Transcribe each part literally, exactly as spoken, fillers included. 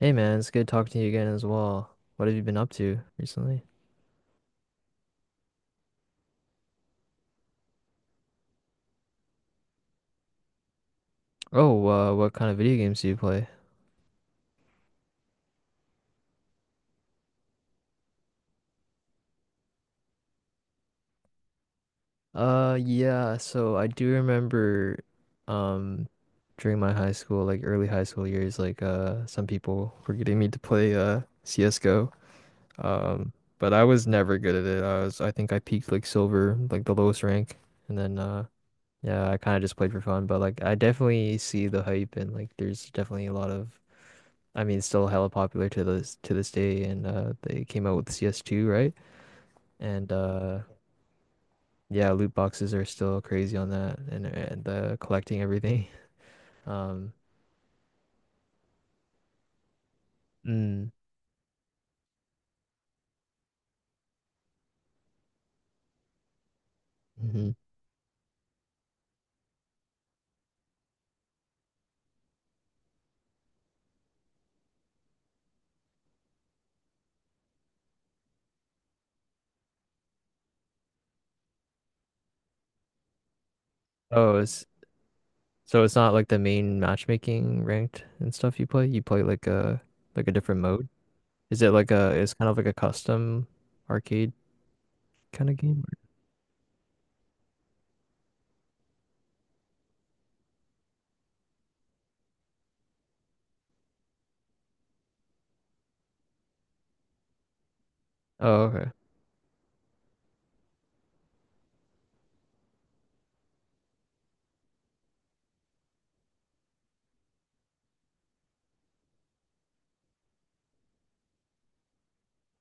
Hey man, it's good talking to you again as well. What have you been up to recently? Oh, uh, what kind of video games do you play? Uh, yeah, so I do remember, um, during my high school, like early high school years, like, uh, some people were getting me to play, uh, C S G O. Um, but I was never good at it. I was, I think I peaked like silver, like the lowest rank. And then, uh, yeah, I kind of just played for fun, but like, I definitely see the hype, and like, there's definitely a lot of. I mean, still hella popular to this to this day, and uh, they came out with C S two, right? And uh, yeah, loot boxes are still crazy on that, and and the collecting everything. Um, mm, mhm. Oh, it's so it's not like the main matchmaking ranked and stuff you play. You play like a like a different mode. Is it like a? It's kind of like a custom arcade kind of game. Oh, okay.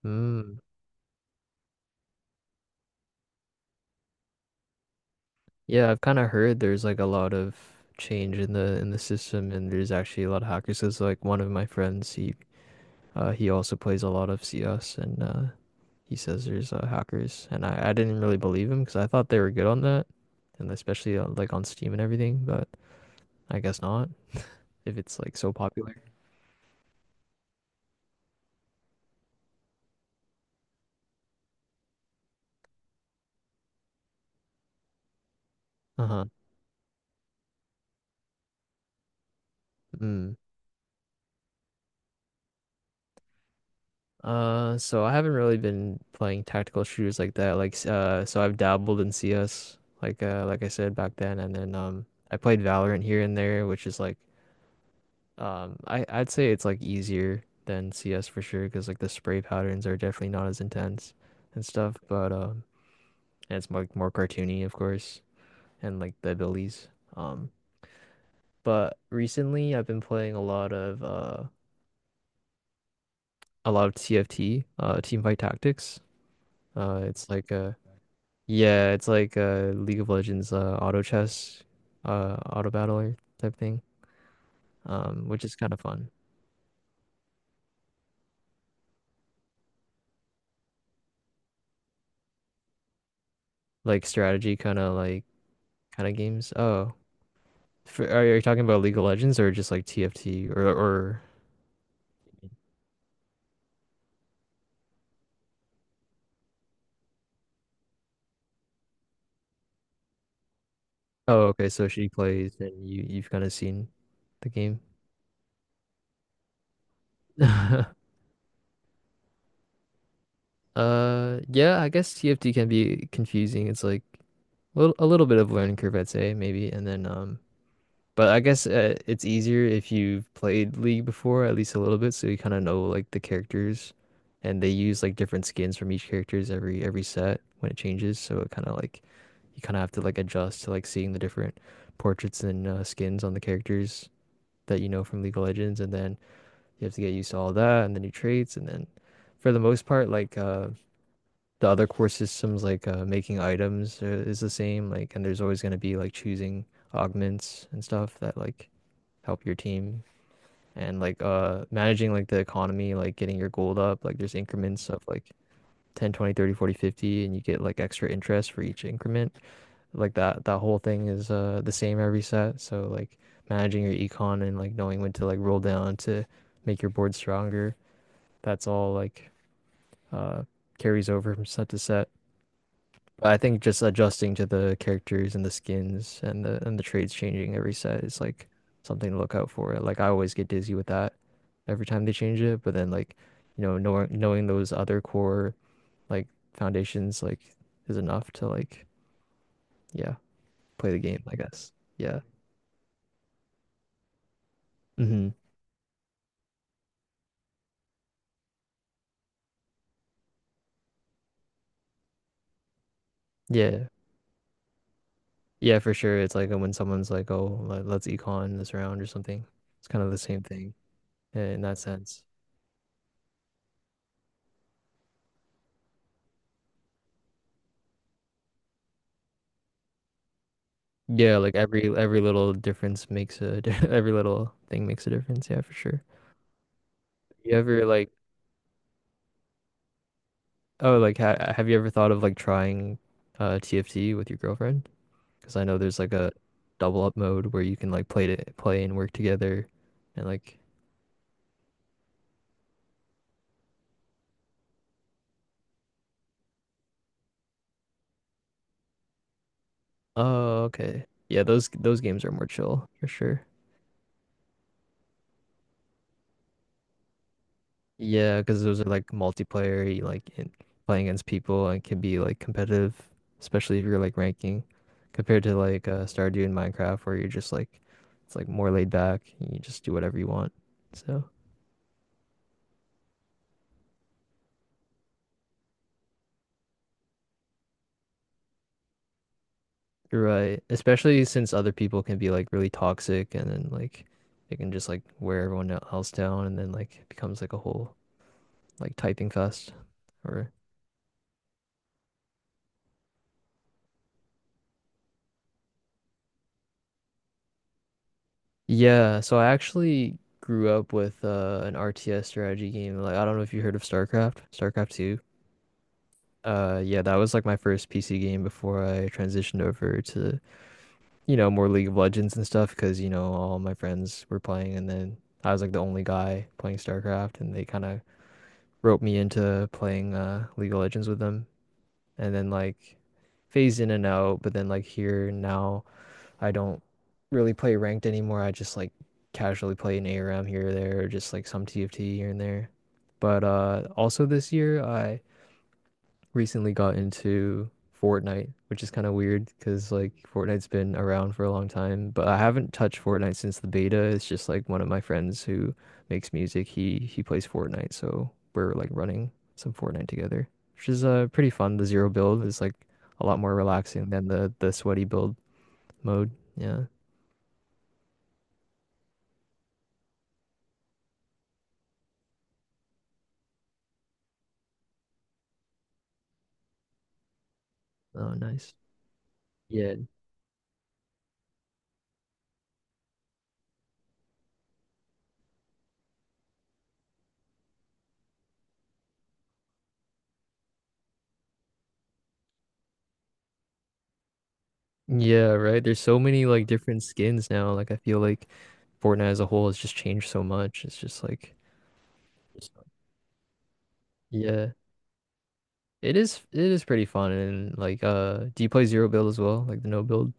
Hmm. Yeah, I've kind of heard there's like a lot of change in the in the system, and there's actually a lot of hackers. 'Cause like one of my friends, he uh he also plays a lot of C S, and uh he says there's uh, hackers, and I I didn't really believe him because I thought they were good on that, and especially uh, like on Steam and everything, but I guess not if it's like so popular. Uh-huh. Mm. Uh, so I haven't really been playing tactical shooters like that. Like, uh, so I've dabbled in C S, like, uh, like I said back then, and then um, I played Valorant here and there, which is like, um, I I'd say it's like easier than C S for sure, because like the spray patterns are definitely not as intense and stuff, but um, and it's more more cartoony, of course, and like the abilities. Um, but recently I've been playing a lot of uh a lot of T F T, uh, Teamfight Tactics. Uh, it's like uh yeah, it's like uh League of Legends, uh auto chess, uh auto battler type thing. Um which is kind of fun. Like strategy, kind of, like kind of games. Oh, for, are you talking about League of Legends or just like T F T or or. Oh, okay, so she plays and you you've kind of seen the game. Uh yeah, I guess T F T can be confusing. It's like a little, a little bit of learning curve I'd say maybe, and then um but I guess uh, it's easier if you've played League before, at least a little bit, so you kind of know like the characters, and they use like different skins from each characters every every set when it changes. So it kind of like you kind of have to like adjust to like seeing the different portraits and uh, skins on the characters that you know from League of Legends, and then you have to get used to all that and the new traits, and then for the most part, like uh, the other core systems, like uh, making items uh, is the same, like, and there's always gonna be like choosing augments and stuff that like help your team, and like uh managing like the economy, like getting your gold up. Like there's increments of like ten, twenty, thirty, forty, fifty, and you get like extra interest for each increment. Like that that whole thing is uh the same every set, so like managing your econ, and like knowing when to like roll down to make your board stronger, that's all like uh carries over from set to set. But I think just adjusting to the characters and the skins and the and the trades changing every set is like something to look out for. Like I always get dizzy with that every time they change it, but then like, you know, knowing knowing those other core like foundations like is enough to like yeah, play the game, I guess. Yeah. Hmm. Yeah. Yeah, for sure. It's like when someone's like, "Oh, let- let's econ this round or something." It's kind of the same thing in that sense. Yeah, like every every little difference makes a di- every little thing makes a difference. Yeah, for sure. You ever like. Oh, like ha have you ever thought of like trying uh T F T with your girlfriend? Because I know there's like a double up mode where you can like play to play and work together, and like. Oh, okay. Yeah, those those games are more chill for sure. Yeah, because those are like multiplayer, you like in, playing against people and can be like competitive, especially if you're like ranking, compared to like uh, Stardew and Minecraft, where you're just like it's like more laid back and you just do whatever you want. So you're right, especially since other people can be like really toxic and then like they can just like wear everyone else down and then like it becomes like a whole like typing fest or. Yeah, so I actually grew up with uh, an R T S strategy game. Like I don't know if you heard of StarCraft, StarCraft two. Uh yeah, that was like my first P C game before I transitioned over to, you know, more League of Legends and stuff because, you know, all my friends were playing, and then I was like the only guy playing StarCraft, and they kind of roped me into playing uh League of Legends with them, and then like phased in and out, but then like here now I don't really play ranked anymore. I just like casually play an ARM here or there, or just like some T F T here and there. But uh, also this year, I recently got into Fortnite, which is kind of weird because like Fortnite's been around for a long time, but I haven't touched Fortnite since the beta. It's just like one of my friends who makes music. He he plays Fortnite, so we're like running some Fortnite together, which is uh pretty fun. The zero build is like a lot more relaxing than the the sweaty build mode. Yeah. Oh, nice. Yeah. Yeah, right. There's so many like different skins now. Like I feel like Fortnite as a whole has just changed so much. It's just like. It's Yeah. It is it is pretty fun, and like uh do you play zero build as well? Like the no build?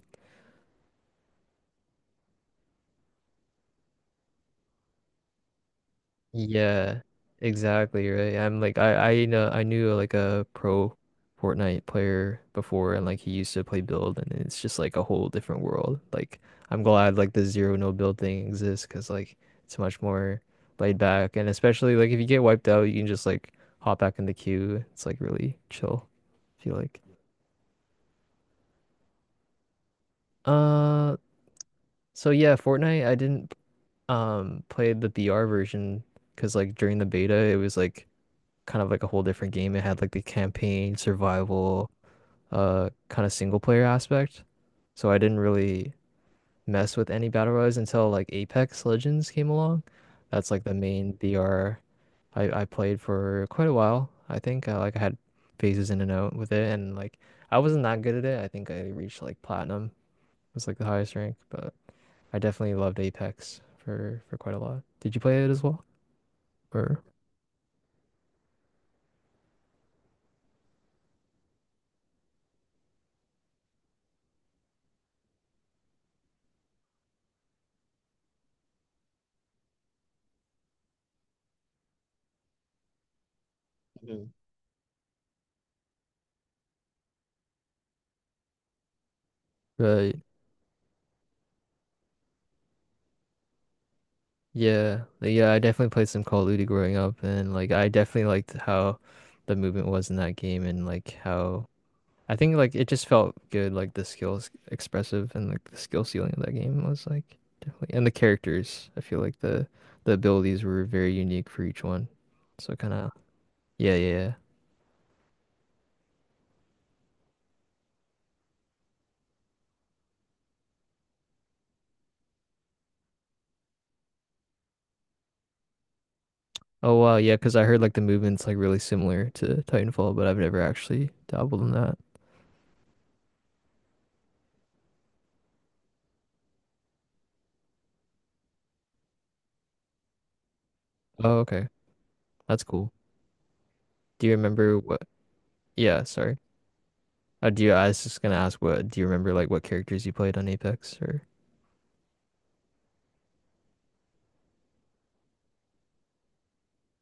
Yeah, exactly right. I'm like, I I know I knew like a pro Fortnite player before, and like he used to play build and it's just like a whole different world. Like I'm glad like the zero no build thing exists because like it's much more laid back, and especially like if you get wiped out you can just like hop back in the queue. It's like really chill, I feel like. Uh so yeah, Fortnite I didn't um play the V R version because like during the beta it was like kind of like a whole different game. It had like the campaign, survival, uh, kind of single player aspect. So I didn't really mess with any battle royals until like Apex Legends came along. That's like the main B R. I, I played for quite a while. I think uh, like I had phases in and out with it, and like I wasn't that good at it. I think I reached like platinum was like the highest rank, but I definitely loved Apex for for quite a lot. Did you play it as well, or. Mhm. uh, Yeah, like, yeah, I definitely played some Call of Duty growing up, and like I definitely liked how the movement was in that game, and like how I think like it just felt good, like the skills expressive and like the skill ceiling of that game was like definitely, and the characters. I feel like the the abilities were very unique for each one, so kind of. Yeah, yeah. Yeah. Oh wow, yeah, because I heard like the movement's like really similar to Titanfall, but I've never actually dabbled in that. Oh okay, that's cool. Do you remember what? Yeah, sorry. Oh, do you? I was just gonna ask, what do you remember, like what characters you played on Apex, or.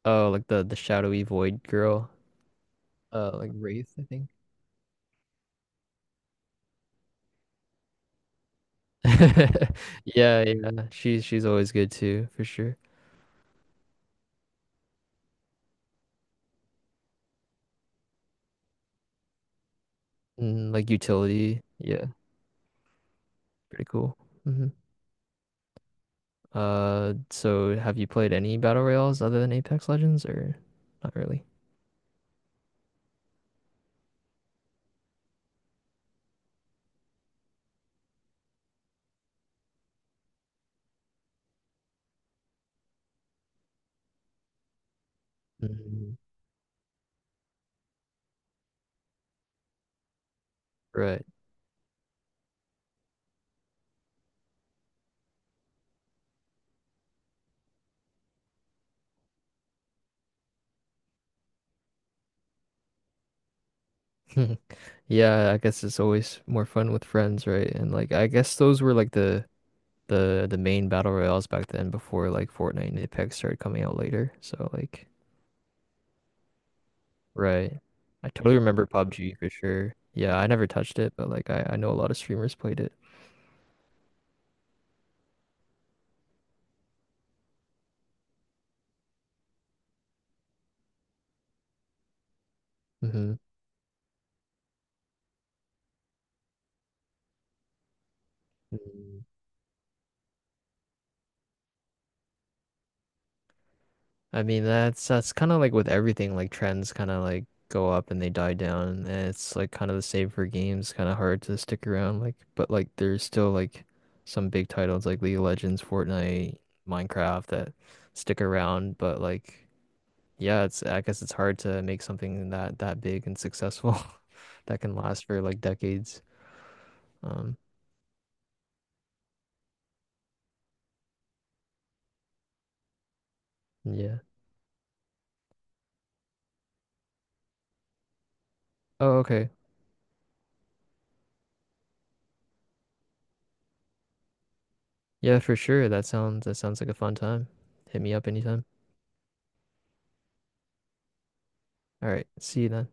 Oh, like the the shadowy void girl, uh, like Wraith, I think. Yeah, yeah, she's she's always good too, for sure. Mm, like utility, yeah, pretty cool. Hmm. Uh, so have you played any battle royales other than Apex Legends, or not really? Mm, right. Yeah, I guess it's always more fun with friends, right? And like, I guess those were like the the the main battle royales back then before like Fortnite and Apex started coming out later. So like. Right. I totally remember PUBG for sure. Yeah, I never touched it, but like I, I know a lot of streamers played it. Hmm. I mean that's that's kind of like with everything, like trends kind of like go up and they die down, and it's like kind of the same for games, kind of hard to stick around like, but like there's still like some big titles like League of Legends, Fortnite, Minecraft that stick around, but like. Yeah, it's I guess it's hard to make something that that big and successful that can last for like decades. Um, yeah. Oh, okay. Yeah, for sure. That sounds that sounds like a fun time. Hit me up anytime. All right. See you then.